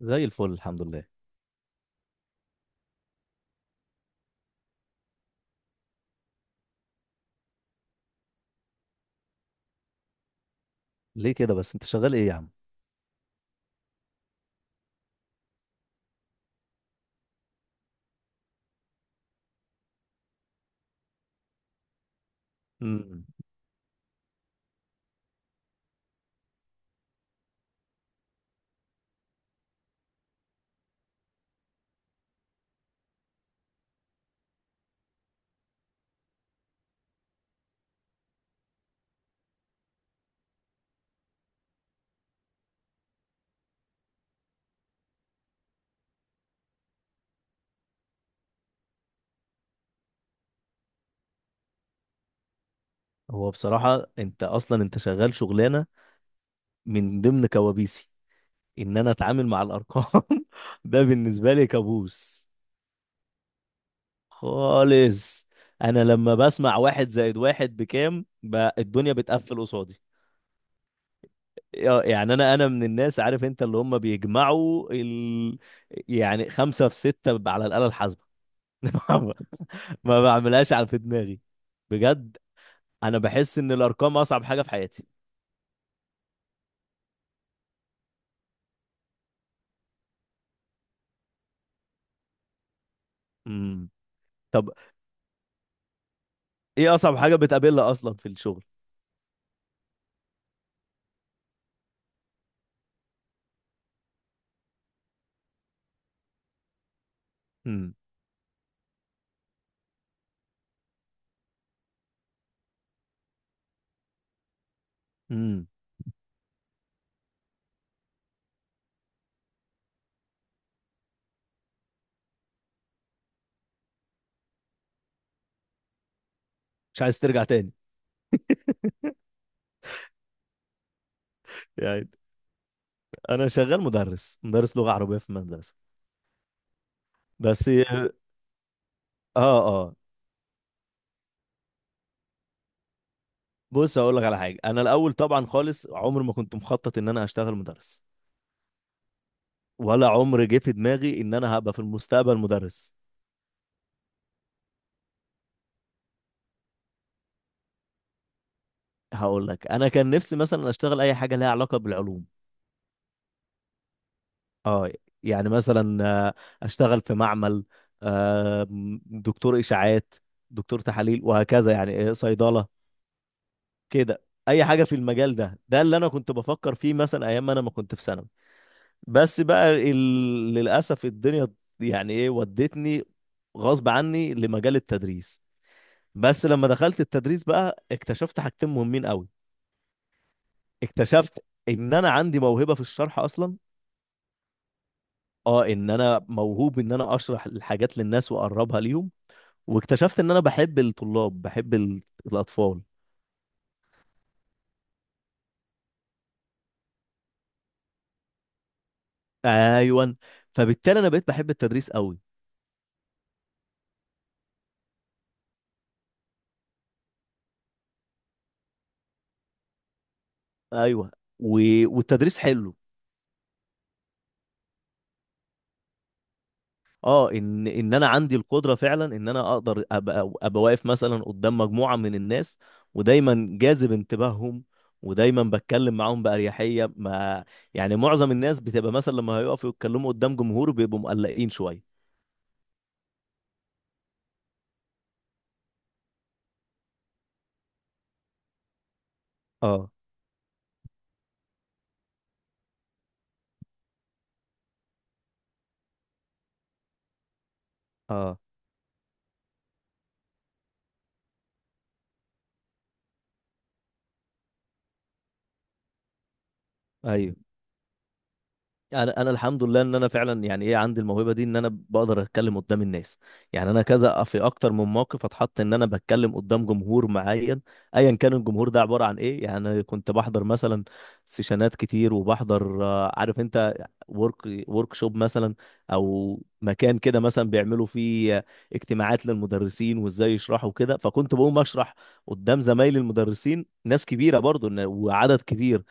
زي الفل الحمد لله. ليه كده بس انت شغال ايه يا عم؟ امم. هو بصراحة انت اصلا انت شغال شغلانة من ضمن كوابيسي، ان انا اتعامل مع الارقام. ده بالنسبة لي كابوس خالص. انا لما بسمع واحد زائد واحد بكام، بقى الدنيا بتقفل قصادي. يعني انا من الناس، عارف انت، اللي هم بيجمعوا يعني خمسة في ستة على الآلة الحاسبة. ما بعملهاش في دماغي، بجد. انا بحس ان الارقام اصعب حاجه في حياتي. امم. طب ايه اصعب حاجه بتقابلها اصلا في الشغل؟ امم. امم. مش عايز ترجع تاني. يعني انا شغال مدرس، مدرس لغه عربيه في مدرسه. بس اه. اه. بص هقول لك على حاجه. انا الاول طبعا خالص عمري ما كنت مخطط ان انا هشتغل مدرس، ولا عمر جه في دماغي ان انا هبقى في المستقبل مدرس. هقول لك، انا كان نفسي مثلا اشتغل اي حاجه لها علاقه بالعلوم. اه. يعني مثلا اشتغل في معمل، آه، دكتور اشاعات، دكتور تحاليل، وهكذا يعني. صيدله كده. اي حاجه في المجال ده. ده اللي انا كنت بفكر فيه مثلا ايام ما انا ما كنت في ثانوي. بس بقى، للاسف الدنيا يعني ايه ودتني غصب عني لمجال التدريس. بس لما دخلت التدريس بقى اكتشفت حاجتين مهمين قوي. اكتشفت ان انا عندي موهبه في الشرح اصلا. اه، ان انا موهوب، ان انا اشرح الحاجات للناس واقربها ليهم. واكتشفت ان انا بحب الطلاب، بحب الاطفال. ايوه، فبالتالي انا بقيت بحب التدريس قوي. ايوه، و... والتدريس حلو. اه، ان انا عندي القدره فعلا ان انا اقدر ابقى واقف مثلا قدام مجموعه من الناس، ودايما جاذب انتباههم، ودايما بتكلم معاهم باريحيه ما. يعني معظم الناس بتبقى مثلا لما هيقفوا يتكلموا قدام جمهور بيبقوا مقلقين شويه. اه. اه. ايوه، انا الحمد لله ان انا فعلا يعني ايه عندي الموهبه دي، ان انا بقدر اتكلم قدام الناس. يعني انا كذا في اكتر من موقف اتحط ان انا بتكلم قدام جمهور معين، ايا كان الجمهور ده عباره عن ايه. يعني أنا كنت بحضر مثلا سيشنات كتير، وبحضر عارف انت، ورك ورك شوب مثلا، او مكان كده مثلا بيعملوا فيه اجتماعات للمدرسين وازاي يشرحوا كده. فكنت بقوم اشرح قدام زمايلي المدرسين، ناس كبيره برضو، وعدد كبير.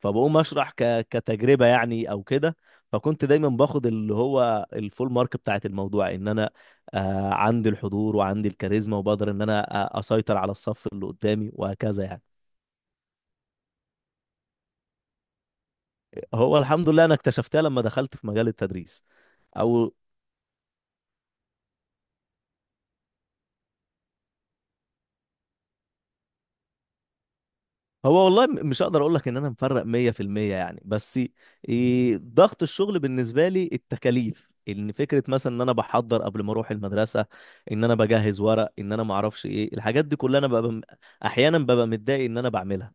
فبقوم اشرح كتجربه يعني، او كده. فكنت دايما باخد اللي هو الفول مارك بتاعت الموضوع، ان انا عندي الحضور وعندي الكاريزما، وبقدر ان انا اسيطر على الصف اللي قدامي وهكذا يعني. هو الحمد لله انا اكتشفتها لما دخلت في مجال التدريس. او هو والله، مش هقدر اقول لك ان انا مفرق 100% يعني، بس إيه ضغط الشغل بالنسبه لي التكاليف، ان فكره مثلا ان انا بحضر قبل ما اروح المدرسه، ان انا بجهز ورق، ان انا ما اعرفش ايه الحاجات دي كلها. انا ببقى احيانا ببقى متضايق ان انا بعملها،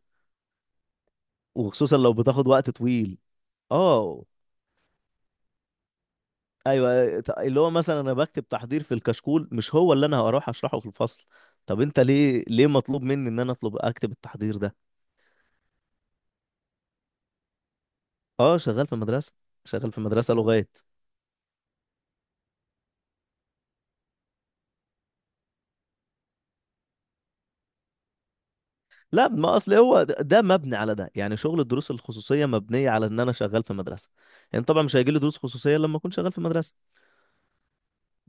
وخصوصا لو بتاخد وقت طويل. اه. ايوه، اللي هو مثلا انا بكتب تحضير في الكشكول مش هو اللي انا هروح اشرحه في الفصل. طب انت ليه مطلوب مني ان انا اطلب اكتب التحضير ده؟ اه، شغال في مدرسه، شغال في مدرسه لغات. لا، ما اصل هو ده مبني على ده. يعني شغل الدروس الخصوصيه مبنيه على ان انا شغال في مدرسه. يعني طبعا مش هيجي لي دروس خصوصيه لما اكون شغال في مدرسه.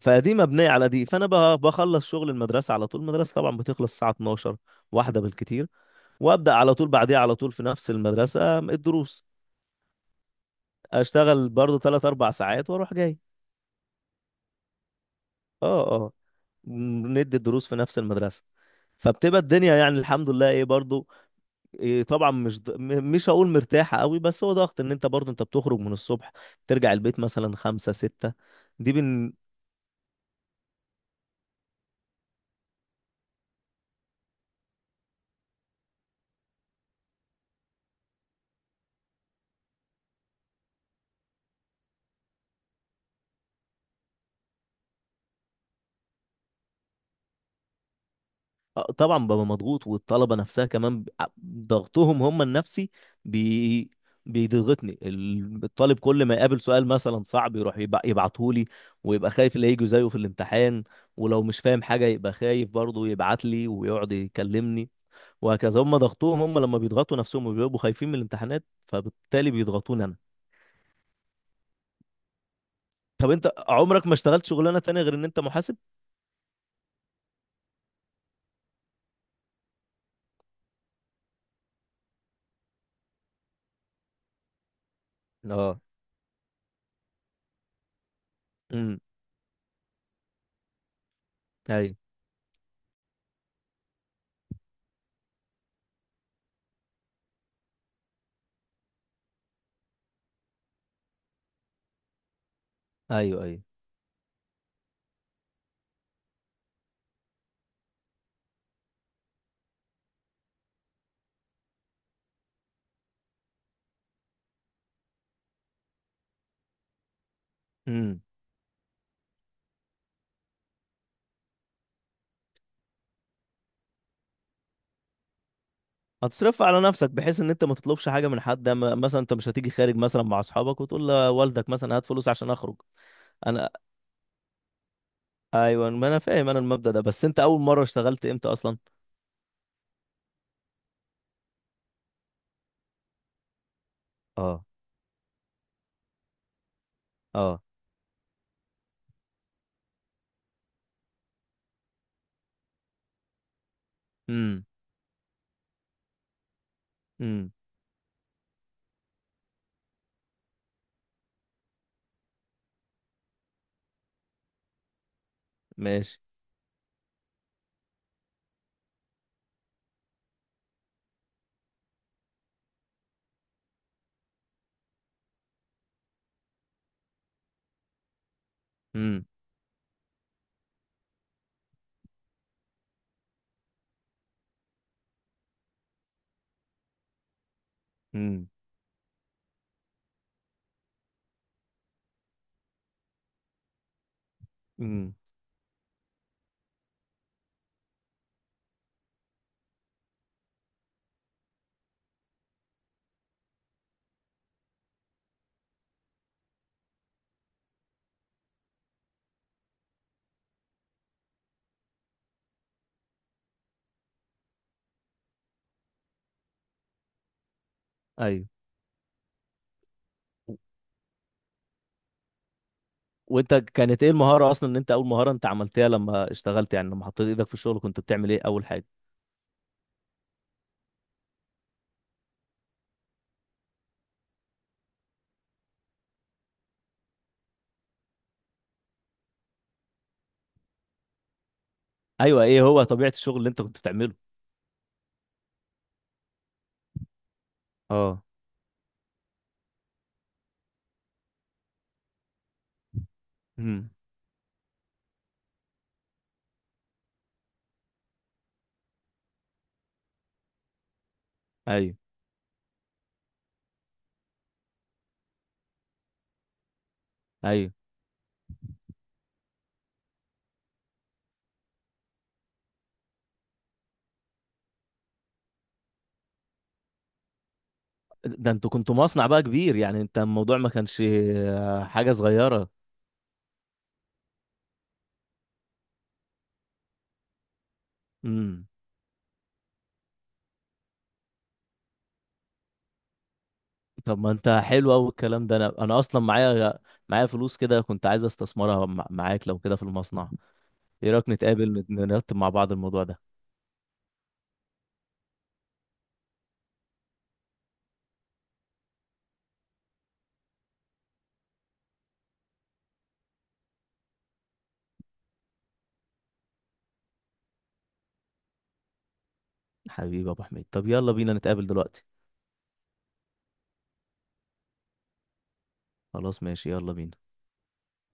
فدي مبنيه على دي. فانا بخلص شغل المدرسه على طول. المدرسه طبعا بتخلص الساعه 12، واحده بالكتير، وابدا على طول بعديها على طول في نفس المدرسه الدروس. اشتغل برضو 3 4 ساعات واروح جاي. اه. اه. ندي الدروس في نفس المدرسه. فبتبقى الدنيا يعني الحمد لله ايه برضو، إيه. طبعا مش ض- م- مش هقول مرتاحة قوي، بس هو ضغط ان انت برضو انت بتخرج من الصبح، ترجع البيت مثلا خمسة ستة. دي بن... آه، طبعا ببقى مضغوط، والطلبة نفسها كمان ضغطهم هم النفسي بي... بيضغطني الطالب. كل ما يقابل سؤال مثلا صعب يروح يبعتهولي، ويبقى خايف اللي هيجي زيه في الامتحان. ولو مش فاهم حاجة يبقى خايف برضه يبعت لي ويقعد يكلمني، وهكذا. هم ضغطوهم هم لما بيضغطوا نفسهم وبيبقوا خايفين من الامتحانات، فبالتالي بيضغطوني انا. طب انت عمرك ما اشتغلت شغلانه تانية غير ان انت محاسب؟ اه. امم. ايوه. ايوه. ايوه. امم. هتصرف على نفسك بحيث ان انت ما تطلبش حاجه من حد، مثلا انت مش هتيجي خارج مثلا مع اصحابك وتقول لوالدك مثلا هات فلوس عشان اخرج. انا، ايوه، ما انا فاهم انا المبدأ ده. بس انت اول مره اشتغلت امتى اصلا؟ اه. اه. امم. امم. ماشي. امم. امم. امم. ايوه، و- وانت كانت ايه المهاره اصلا ان انت اول مهاره انت عملتها لما اشتغلت؟ يعني لما حطيت ايدك في الشغل كنت بتعمل ايه اول حاجه؟ ايوه، ايه هو طبيعة الشغل اللي انت كنت بتعمله؟ اه. امم. ايوه. ايوه. ده انتوا كنتوا مصنع بقى كبير، يعني انت الموضوع ما كانش حاجة صغيرة. امم. طب ما انت حلو قوي الكلام ده. انا اصلا معايا فلوس كده كنت عايز استثمرها معاك لو كده في المصنع. ايه رأيك نتقابل، نرتب مع بعض الموضوع ده؟ حبيبي يا ابو حميد، طب يلا بينا نتقابل دلوقتي. خلاص، ماشي، يلا بينا.